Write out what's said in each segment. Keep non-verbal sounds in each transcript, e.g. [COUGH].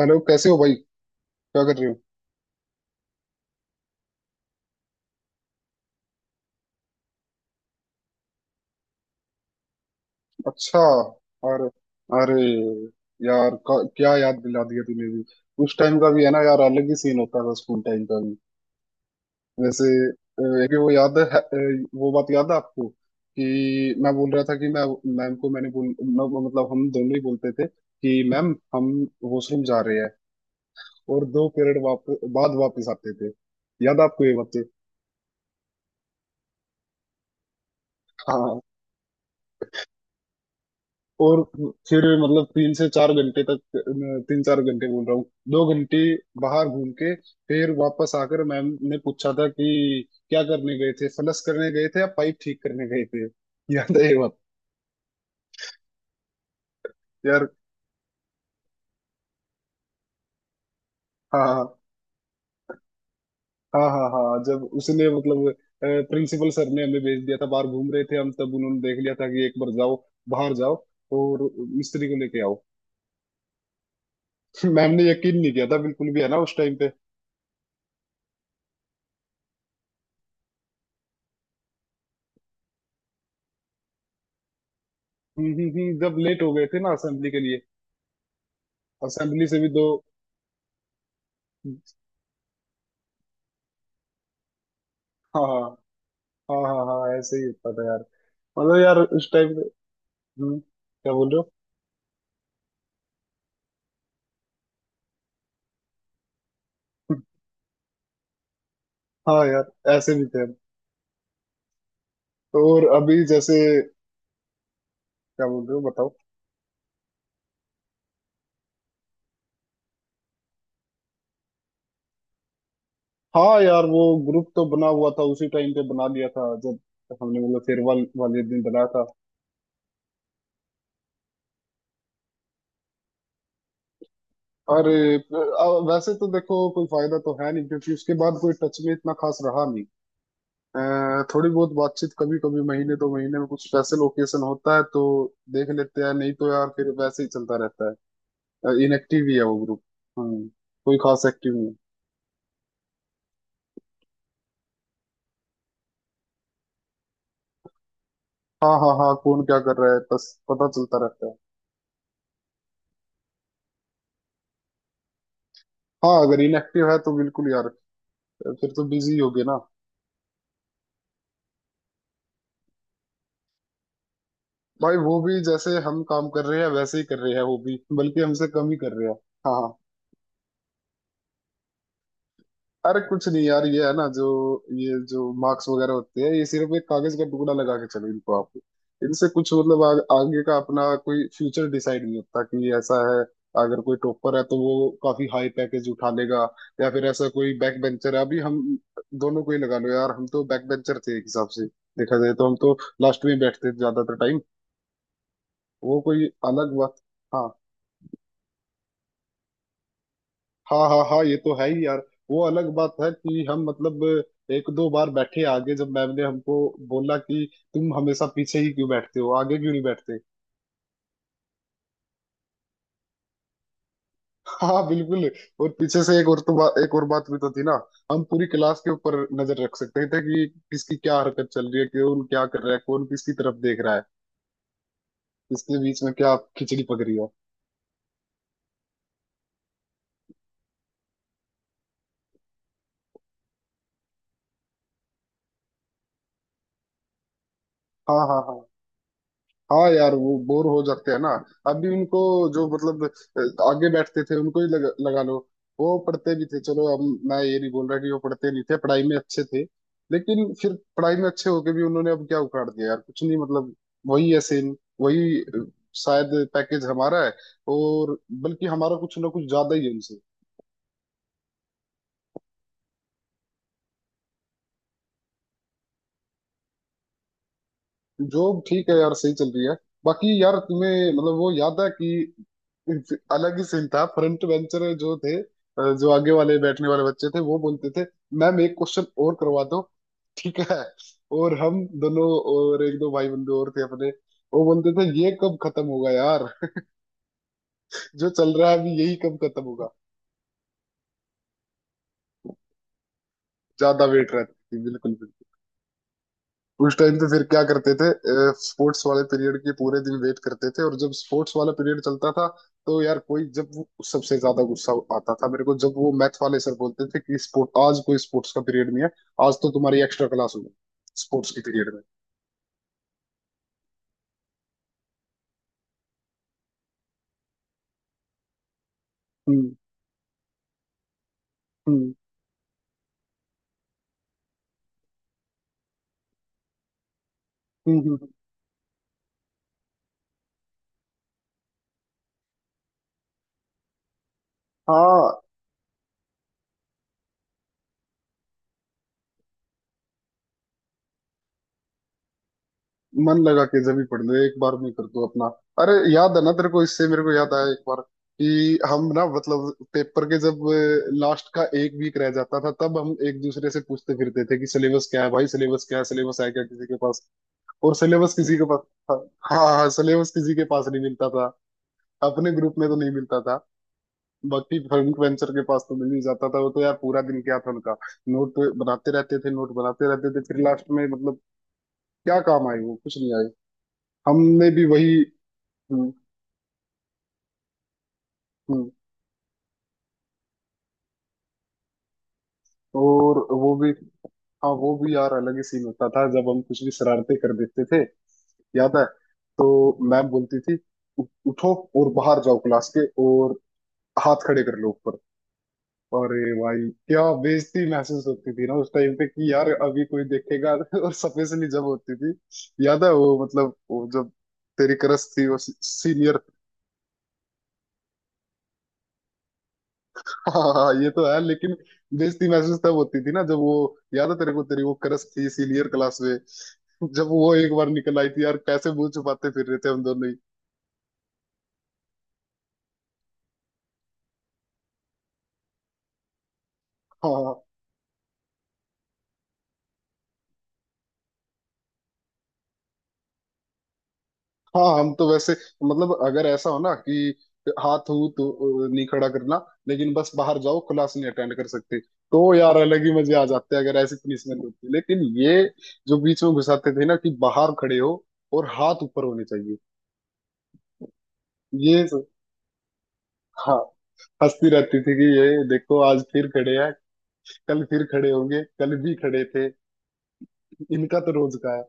Hello कैसे हो भाई? क्या कर रहे हो? अच्छा। और। अरे यार क्या याद दिला दिया तूने भी। उस टाइम का भी है ना, यार अलग ही सीन होता था स्कूल टाइम का भी। वैसे, एक वो याद है, वो बात याद है आपको कि मैं बोल रहा था कि मैं मैम को मैंने बोल, मतलब हम दोनों ही बोलते थे कि मैम हम वॉशरूम जा रहे हैं, और 2 पीरियड बाद वापस आते थे। याद है आपको ये बातें? हाँ। और फिर मतलब 3 से 4 घंटे तक, 3-4 घंटे बोल रहा हूँ, 2 घंटे बाहर घूम के, फिर वापस आकर मैम ने पूछा था कि क्या करने गए थे, फलस करने गए थे या पाइप ठीक करने गए थे। [LAUGHS] याद है ये बात? यार, हाँ हाँ हाँ हाँ हाँ, जब उसने मतलब प्रिंसिपल सर ने हमें भेज दिया था, बाहर घूम रहे थे हम, तब उन्होंने देख लिया था कि एक बार जाओ, बाहर जाओ और मिस्त्री को लेके आओ। [LAUGHS] मैम ने यकीन नहीं किया था बिल्कुल भी, है ना, उस टाइम पे। जब लेट हो गए थे ना, असेंबली के लिए। असेंबली से भी दो। हाँ हाँ हाँ हाँ हाँ, ऐसे ही होता था यार, मतलब यार उस टाइम पे। क्या बोल रहे हो? [LAUGHS] हाँ यार, ऐसे भी थे हम। और अभी जैसे, क्या बोल रहे हो बताओ? हाँ यार, वो ग्रुप तो बना हुआ था, उसी टाइम पे बना लिया था जब हमने मतलब फेयरवेल वाले दिन बनाया था। अरे, वैसे तो देखो कोई फायदा तो है नहीं, क्योंकि उसके बाद कोई टच में इतना खास रहा नहीं। थोड़ी बहुत बातचीत कभी कभी, महीने 2 महीने में कुछ स्पेशल ओकेशन होता है तो देख लेते हैं, नहीं तो यार फिर वैसे ही चलता रहता है। इनएक्टिव ही है वो ग्रुप। हाँ, कोई खास एक्टिव नहीं है। हाँ हाँ हाँ, कौन क्या कर रहा है बस पता चलता रहता है। हाँ, अगर इनएक्टिव है तो बिल्कुल यार, फिर तो बिजी होगे ना। भाई वो भी जैसे हम काम कर रहे हैं वैसे ही कर रहे हैं वो भी, बल्कि हमसे कम ही कर रहे हैं। हाँ हाँ। अरे कुछ नहीं यार, ये है ना जो, ये जो मार्क्स वगैरह होते हैं, ये सिर्फ एक कागज का टुकड़ा लगा के चलो इनको आप, इनसे कुछ मतलब, आगे का अपना कोई फ्यूचर डिसाइड नहीं होता कि ऐसा है। अगर कोई टॉपर है तो वो काफी हाई पैकेज उठा लेगा, या फिर ऐसा कोई बैक बेंचर है अभी हम, दोनों को ही लगा लो यार, हम तो बैक बेंचर थे। एक हिसाब से देखा जाए तो हम तो लास्ट में बैठते थे ज्यादातर टाइम, वो कोई अलग बात। हाँ, हाँ हाँ हाँ, ये तो है ही यार, वो अलग बात है कि हम मतलब एक दो बार बैठे आगे, जब मैम ने हमको बोला कि तुम हमेशा पीछे ही क्यों बैठते हो, आगे क्यों नहीं बैठते? [LAUGHS] हाँ बिल्कुल। और पीछे से एक और तो एक और बात भी तो थी ना, हम पूरी क्लास के ऊपर नजर रख सकते थे कि किसकी क्या हरकत चल रही है, कौन क्या कर रहा है, कौन किसकी तरफ देख रहा है, किसके बीच में क्या खिचड़ी पक रही है। हाँ हाँ हाँ, हाँ यार वो बोर हो जाते हैं ना। अभी उनको, जो मतलब आगे बैठते थे उनको ही लगा लो, वो पढ़ते भी थे, चलो अब मैं ये नहीं बोल रहा कि वो पढ़ते नहीं थे, पढ़ाई में अच्छे थे। लेकिन फिर पढ़ाई में अच्छे होके भी उन्होंने अब क्या उखाड़ दिया यार, कुछ नहीं मतलब, वही है सेम, वही शायद पैकेज हमारा है, और बल्कि हमारा कुछ ना कुछ ज्यादा ही है उनसे। जॉब ठीक है यार, सही चल रही है। बाकी यार तुम्हें मतलब वो याद है कि अलग ही सीन था, फ्रंट बेंचर जो थे, जो आगे वाले बैठने वाले बच्चे थे वो बोलते थे, मैम एक क्वेश्चन और करवा दो, ठीक है। और हम दोनों और एक दो भाई बंधु और थे अपने, वो बोलते थे ये कब खत्म होगा यार। [LAUGHS] जो चल रहा है अभी यही कब खत्म होगा। ज्यादा वेट रहती थी बिल्कुल। उस टाइम पे फिर क्या करते थे? स्पोर्ट्स वाले पीरियड के पूरे दिन वेट करते थे, और जब स्पोर्ट्स वाला पीरियड चलता था तो यार कोई, जब वो सबसे ज्यादा गुस्सा आता था मेरे को, जब वो मैथ वाले सर बोलते थे कि स्पोर्ट आज कोई स्पोर्ट्स का पीरियड नहीं है, आज तो तुम्हारी एक्स्ट्रा क्लास होगी स्पोर्ट्स के पीरियड में। हम्म हम्म हम्म हम्म, हम्म। हाँ, मन लगा के जब भी पढ़ ले एक बार में कर दो अपना। अरे याद है ना तेरे को, इससे मेरे को याद आया एक बार, कि हम ना मतलब पेपर के जब लास्ट का एक वीक रह जाता था, तब हम एक दूसरे से पूछते फिरते थे कि सिलेबस क्या है भाई, सिलेबस क्या है, सिलेबस है क्या किसी के पास, और सिलेबस किसी के पास था। हाँ हाँ, सिलेबस किसी के पास नहीं मिलता था, अपने ग्रुप में तो नहीं मिलता था, बाकी फ्रेंड वेंचर के पास तो मिल ही जाता था, वो तो यार पूरा दिन क्या था उनका, नोट बनाते रहते थे, नोट बनाते रहते थे, फिर लास्ट में मतलब क्या काम आए, वो कुछ नहीं आए। हमने भी वही। हम्म, हम्म। और वो भी। हाँ वो भी यार अलग ही सीन होता था जब हम कुछ भी शरारतें कर देते थे, याद है? तो मैम बोलती थी, "उ- उठो और बाहर जाओ क्लास के, और हाथ खड़े कर लो ऊपर। अरे भाई क्या बेइज्जती महसूस होती थी ना उस टाइम पे कि यार अभी कोई देखेगा। [LAUGHS] और सफेद से जब होती थी, याद है वो, मतलब वो जब तेरी क्रश थी वो सीनियर, हाँ ये तो है, लेकिन बेइज्जती महसूस तब होती थी ना जब वो, याद है तेरे को तेरी वो क्रश थी सीनियर क्लास में, जब वो एक बार निकल आई थी यार, कैसे मुंह छुपाते फिर रहे थे हम दोनों ही। हाँ हाँ, हम तो वैसे मतलब अगर ऐसा हो ना कि हाथ हूँ तो नहीं खड़ा करना, लेकिन बस बाहर जाओ क्लास नहीं अटेंड कर सकते, तो यार अलग ही मजे आ जाते हैं अगर ऐसी पनिशमेंट होती। लेकिन ये जो बीच में घुसाते थे ना कि बाहर खड़े हो और हाथ ऊपर होने चाहिए। ये स- हाँ, हंसती रहती थी कि ये देखो आज फिर खड़े हैं, कल फिर खड़े होंगे, कल भी खड़े थे, इनका तो रोज का है।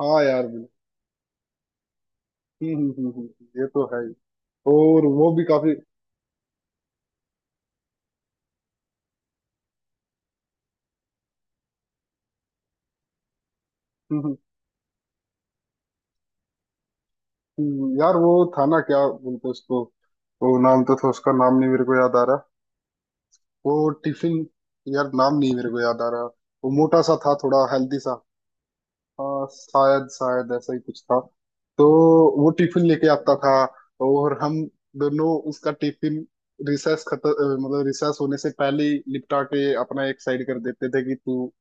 हाँ यार, हम्म, ये तो है ही। और वो भी काफी, हम्म, हम्म, यार वो था ना, क्या बोलते उसको, वो नाम तो था उसका, नाम नहीं मेरे को याद आ रहा, वो टिफिन, यार नाम नहीं मेरे को याद आ रहा, वो मोटा सा था थोड़ा हेल्दी सा। हाँ शायद शायद ऐसा ही कुछ था, तो वो टिफिन लेके आता था, और हम दोनों उसका टिफिन, रिसेस खत्म, मतलब रिसेस होने से पहले ही निपटा के अपना एक साइड कर देते थे कि तू।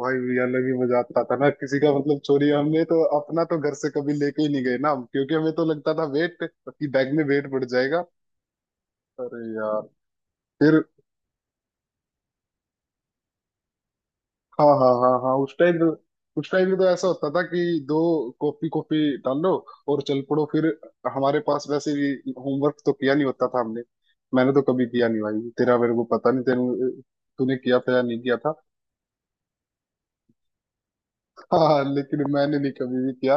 भाई ये अलग ही मजा आता था ना किसी का मतलब चोरी, हमने तो अपना तो घर से कभी लेके ही नहीं गए ना हम, क्योंकि हमें तो लगता था वेट, कि बैग में वेट बढ़ जाएगा। अरे यार फिर, हाँ हाँ हाँ हाँ, उस टाइम में तो ऐसा होता था कि दो कॉपी कॉपी डालो और चल पड़ो फिर, हमारे पास वैसे भी होमवर्क तो किया नहीं होता था हमने। मैंने तो कभी किया नहीं भाई, तेरा मेरे को पता नहीं, तेरे तूने किया था या नहीं किया था। हाँ लेकिन मैंने नहीं कभी भी किया,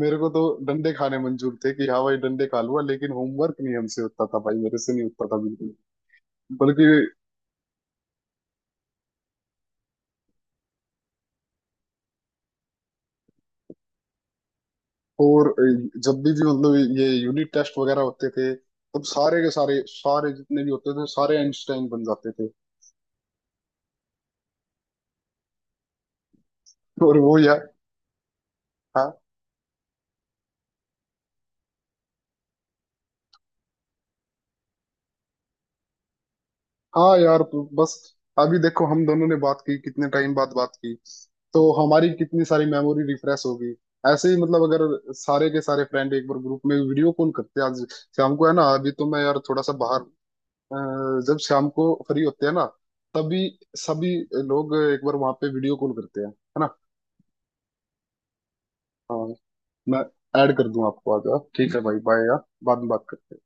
मेरे को तो डंडे खाने मंजूर थे कि हाँ भाई डंडे खा लूंगा, लेकिन होमवर्क नहीं हमसे होता था भाई, मेरे से नहीं होता था बिल्कुल, बल्कि। और जब भी मतलब ये यूनिट टेस्ट वगैरह होते थे, तब सारे के सारे सारे जितने भी होते थे, सारे आइंस्टाइन बन जाते थे। और वो यार, हाँ हाँ यार तो बस, अभी देखो हम दोनों ने बात की कितने टाइम बाद बात की, तो हमारी कितनी सारी मेमोरी रिफ्रेश होगी। ऐसे ही मतलब अगर सारे के सारे फ्रेंड एक बार ग्रुप में वीडियो कॉल करते हैं आज शाम को, है ना, अभी तो मैं यार थोड़ा सा बाहर हूँ। जब शाम को फ्री होते हैं ना, तभी सभी लोग एक बार वहां पे वीडियो कॉल करते हैं, है ना? हाँ, मैं ऐड कर दूं आपको आगे, ठीक है भाई, बाय यार, बाद में बात करते हैं।